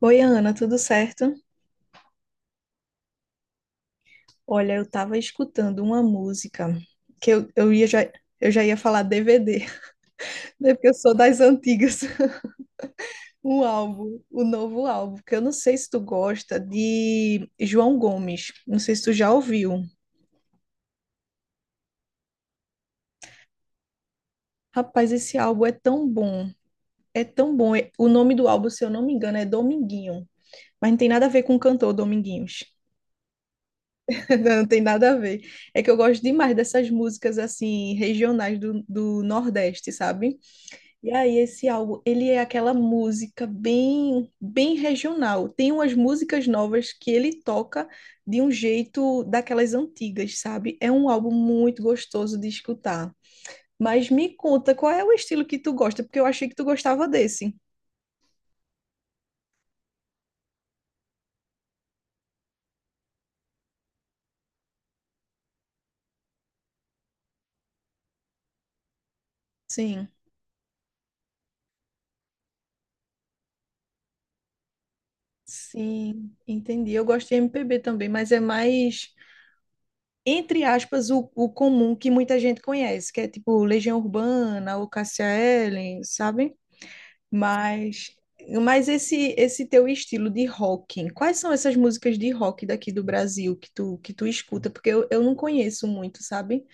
Oi, Ana, tudo certo? Olha, eu tava escutando uma música que eu ia já, eu já ia falar DVD, né? Porque eu sou das antigas. Um álbum, o novo álbum, que eu não sei se tu gosta, de João Gomes. Não sei se tu já ouviu. Rapaz, esse álbum é tão bom. É tão bom. O nome do álbum, se eu não me engano, é Dominguinho. Mas não tem nada a ver com o cantor Dominguinhos. Não tem nada a ver. É que eu gosto demais dessas músicas, assim, regionais do Nordeste, sabe? E aí, esse álbum, ele é aquela música bem, bem regional. Tem umas músicas novas que ele toca de um jeito daquelas antigas, sabe? É um álbum muito gostoso de escutar. Mas me conta, qual é o estilo que tu gosta? Porque eu achei que tu gostava desse. Sim, sim, entendi. Eu gosto de MPB também, mas é mais, entre aspas, o comum que muita gente conhece, que é tipo Legião Urbana, o Cássia Eller, sabe? Mas, mas esse teu estilo de rock, quais são essas músicas de rock daqui do Brasil que tu escuta? Porque eu não conheço muito, sabe?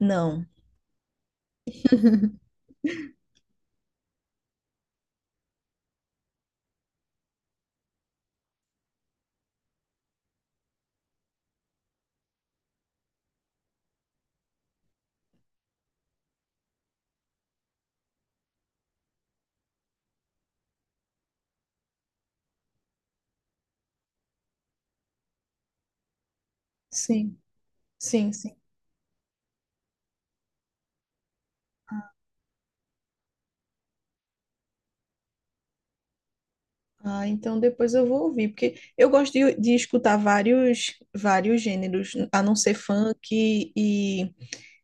Não. Sim, sim, sim. Ah, então depois eu vou ouvir, porque eu gosto de escutar vários gêneros, a não ser funk e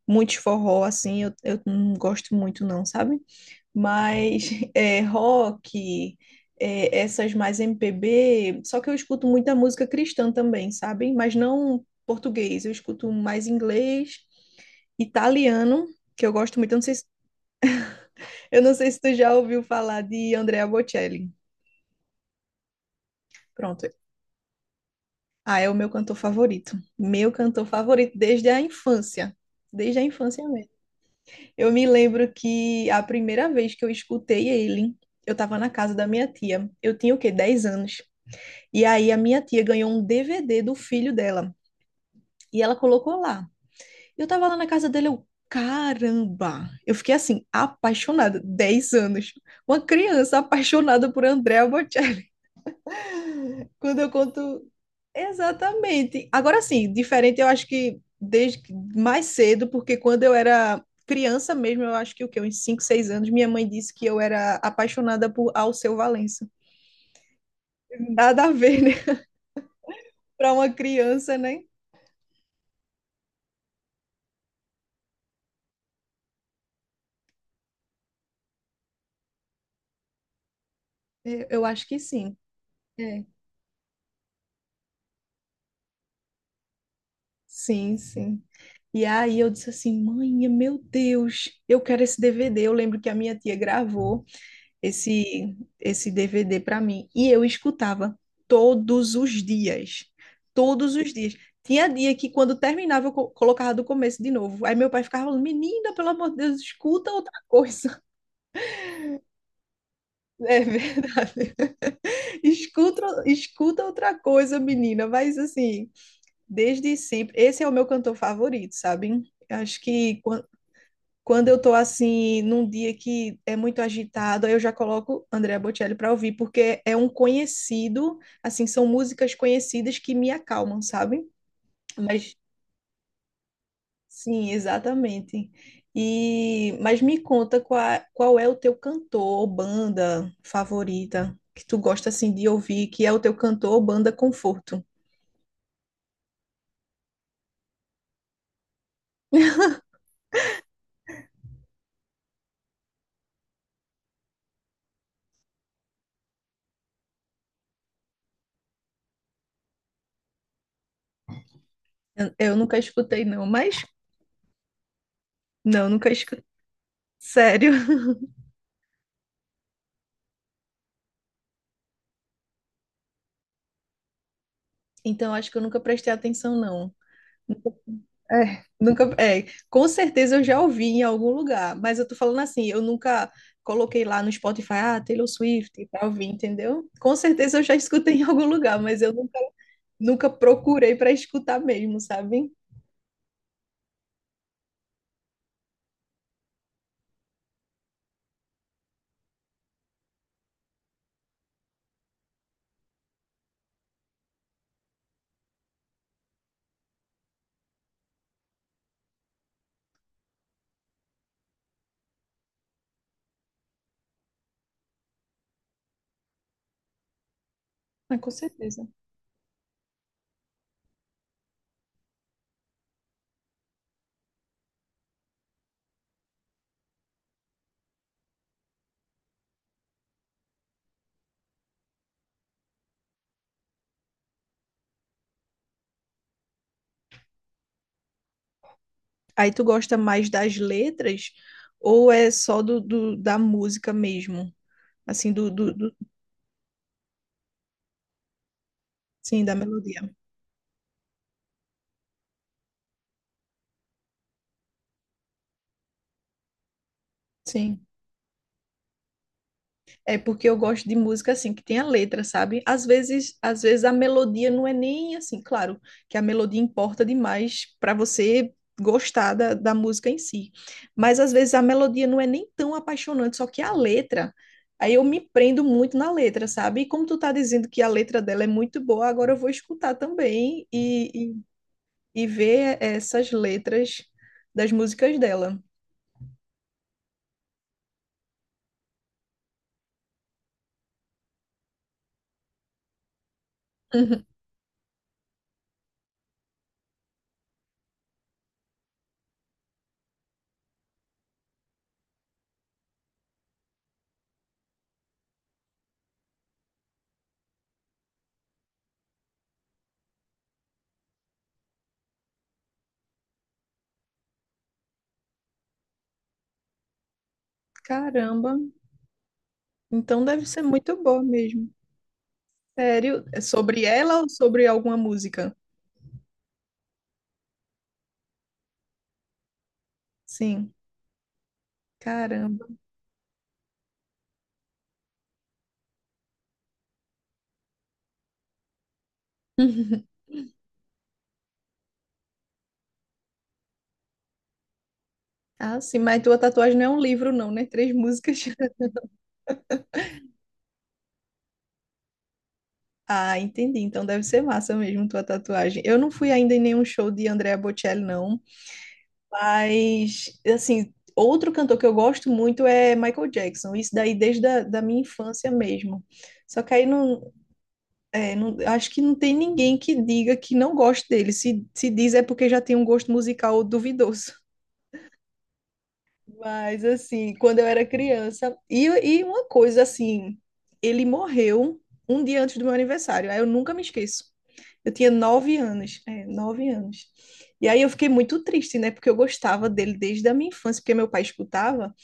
muitos forró assim, eu não gosto muito não, sabe? Mas é, rock, é, essas mais MPB. Só que eu escuto muita música cristã também, sabe? Mas não português, eu escuto mais inglês, italiano, que eu gosto muito. Eu não sei se, eu não sei se tu já ouviu falar de Andrea Bocelli. Pronto. Ah, é o meu cantor favorito. Meu cantor favorito desde a infância. Desde a infância mesmo. Eu me lembro que a primeira vez que eu escutei ele, eu estava na casa da minha tia. Eu tinha o quê? 10 anos. E aí a minha tia ganhou um DVD do filho dela e ela colocou lá. Eu tava lá na casa dele, eu, caramba! Eu fiquei assim, apaixonada. 10 anos. Uma criança apaixonada por André Albuquerque. Quando eu conto. Exatamente. Agora sim, diferente eu acho que mais cedo, porque quando eu era criança mesmo, eu acho que o quê? Uns 5, 6 anos, minha mãe disse que eu era apaixonada por Alceu Valença. Nada a ver, né? Para uma criança, né? Eu acho que sim. É. Sim, sim. E aí eu disse assim, mãe, meu Deus, eu quero esse DVD. Eu lembro que a minha tia gravou esse DVD para mim e eu escutava todos os dias, todos os dias. Tinha dia que quando terminava eu colocava do começo de novo. Aí meu pai ficava falando, menina, pelo amor de Deus, escuta outra coisa. É verdade. Escuta, escuta outra coisa, menina. Mas assim, desde sempre, esse é o meu cantor favorito, sabe? Acho que quan- Quando eu tô assim, num dia que é muito agitado, aí eu já coloco Andrea Bocelli para ouvir, porque é um conhecido, assim, são músicas conhecidas que me acalmam, sabe? Mas sim, exatamente. E mas me conta qual, qual é o teu cantor ou banda favorita que tu gosta assim de ouvir, que é o teu cantor ou banda conforto. Eu nunca escutei não, mas não, nunca escutei. Sério. Então acho que eu nunca prestei atenção não. É, nunca, é, com certeza eu já ouvi em algum lugar, mas eu tô falando assim, eu nunca coloquei lá no Spotify, ah, Taylor Swift pra ouvir, entendeu? Com certeza eu já escutei em algum lugar, mas eu nunca, nunca procurei pra escutar mesmo, sabe? Ah, com certeza. Aí tu gosta mais das letras ou é só da música mesmo? Assim, sim, da melodia. Sim. É porque eu gosto de música assim que tem a letra, sabe? Às vezes a melodia não é nem assim, claro, que a melodia importa demais para você gostar da música em si. Mas às vezes a melodia não é nem tão apaixonante, só que a letra, aí eu me prendo muito na letra, sabe? E como tu tá dizendo que a letra dela é muito boa, agora eu vou escutar também e ver essas letras das músicas dela. Uhum. Caramba, então deve ser muito boa mesmo. Sério? É sobre ela ou sobre alguma música? Sim. Caramba. Ah, sim, mas tua tatuagem não é um livro, não, né? Três músicas. Ah, entendi. Então deve ser massa mesmo tua tatuagem. Eu não fui ainda em nenhum show de Andrea Bocelli, não. Mas, assim, outro cantor que eu gosto muito é Michael Jackson. Isso daí desde da minha infância mesmo. Só que aí não, é, acho que não tem ninguém que diga que não goste dele. Se diz é porque já tem um gosto musical duvidoso. Mas assim, quando eu era criança, e uma coisa assim, ele morreu um dia antes do meu aniversário, aí eu nunca me esqueço. Eu tinha 9 anos, é, 9 anos. E aí eu fiquei muito triste, né? Porque eu gostava dele desde a minha infância, porque meu pai escutava.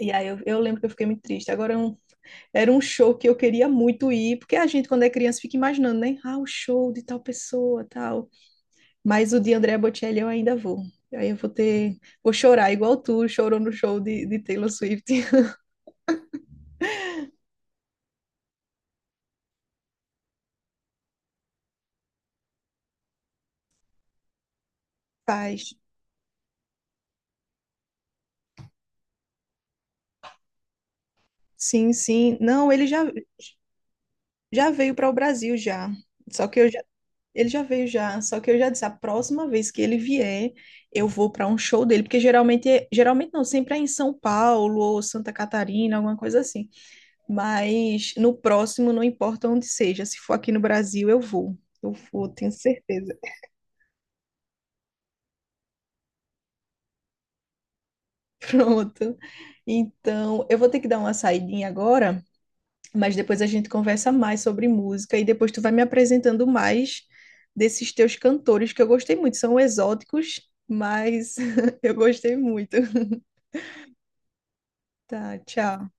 E aí eu lembro que eu fiquei muito triste. Era um show que eu queria muito ir, porque a gente, quando é criança, fica imaginando, né? Ah, o show de tal pessoa, tal. Mas o de Andrea Bocelli eu ainda vou. Aí eu vou ter. Vou chorar igual tu chorou no show de Taylor Swift. Faz. Sim, sim. Não, ele já, já veio para o Brasil já. Só que eu já. Ele já veio já, só que eu já disse, a próxima vez que ele vier, eu vou para um show dele, porque geralmente, geralmente não, sempre é em São Paulo ou Santa Catarina, alguma coisa assim. Mas no próximo, não importa onde seja, se for aqui no Brasil, eu vou. Eu vou, tenho certeza. Pronto. Então, eu vou ter que dar uma saidinha agora, mas depois a gente conversa mais sobre música e depois tu vai me apresentando mais desses teus cantores que eu gostei muito. São exóticos, mas eu gostei muito. Tá, tchau.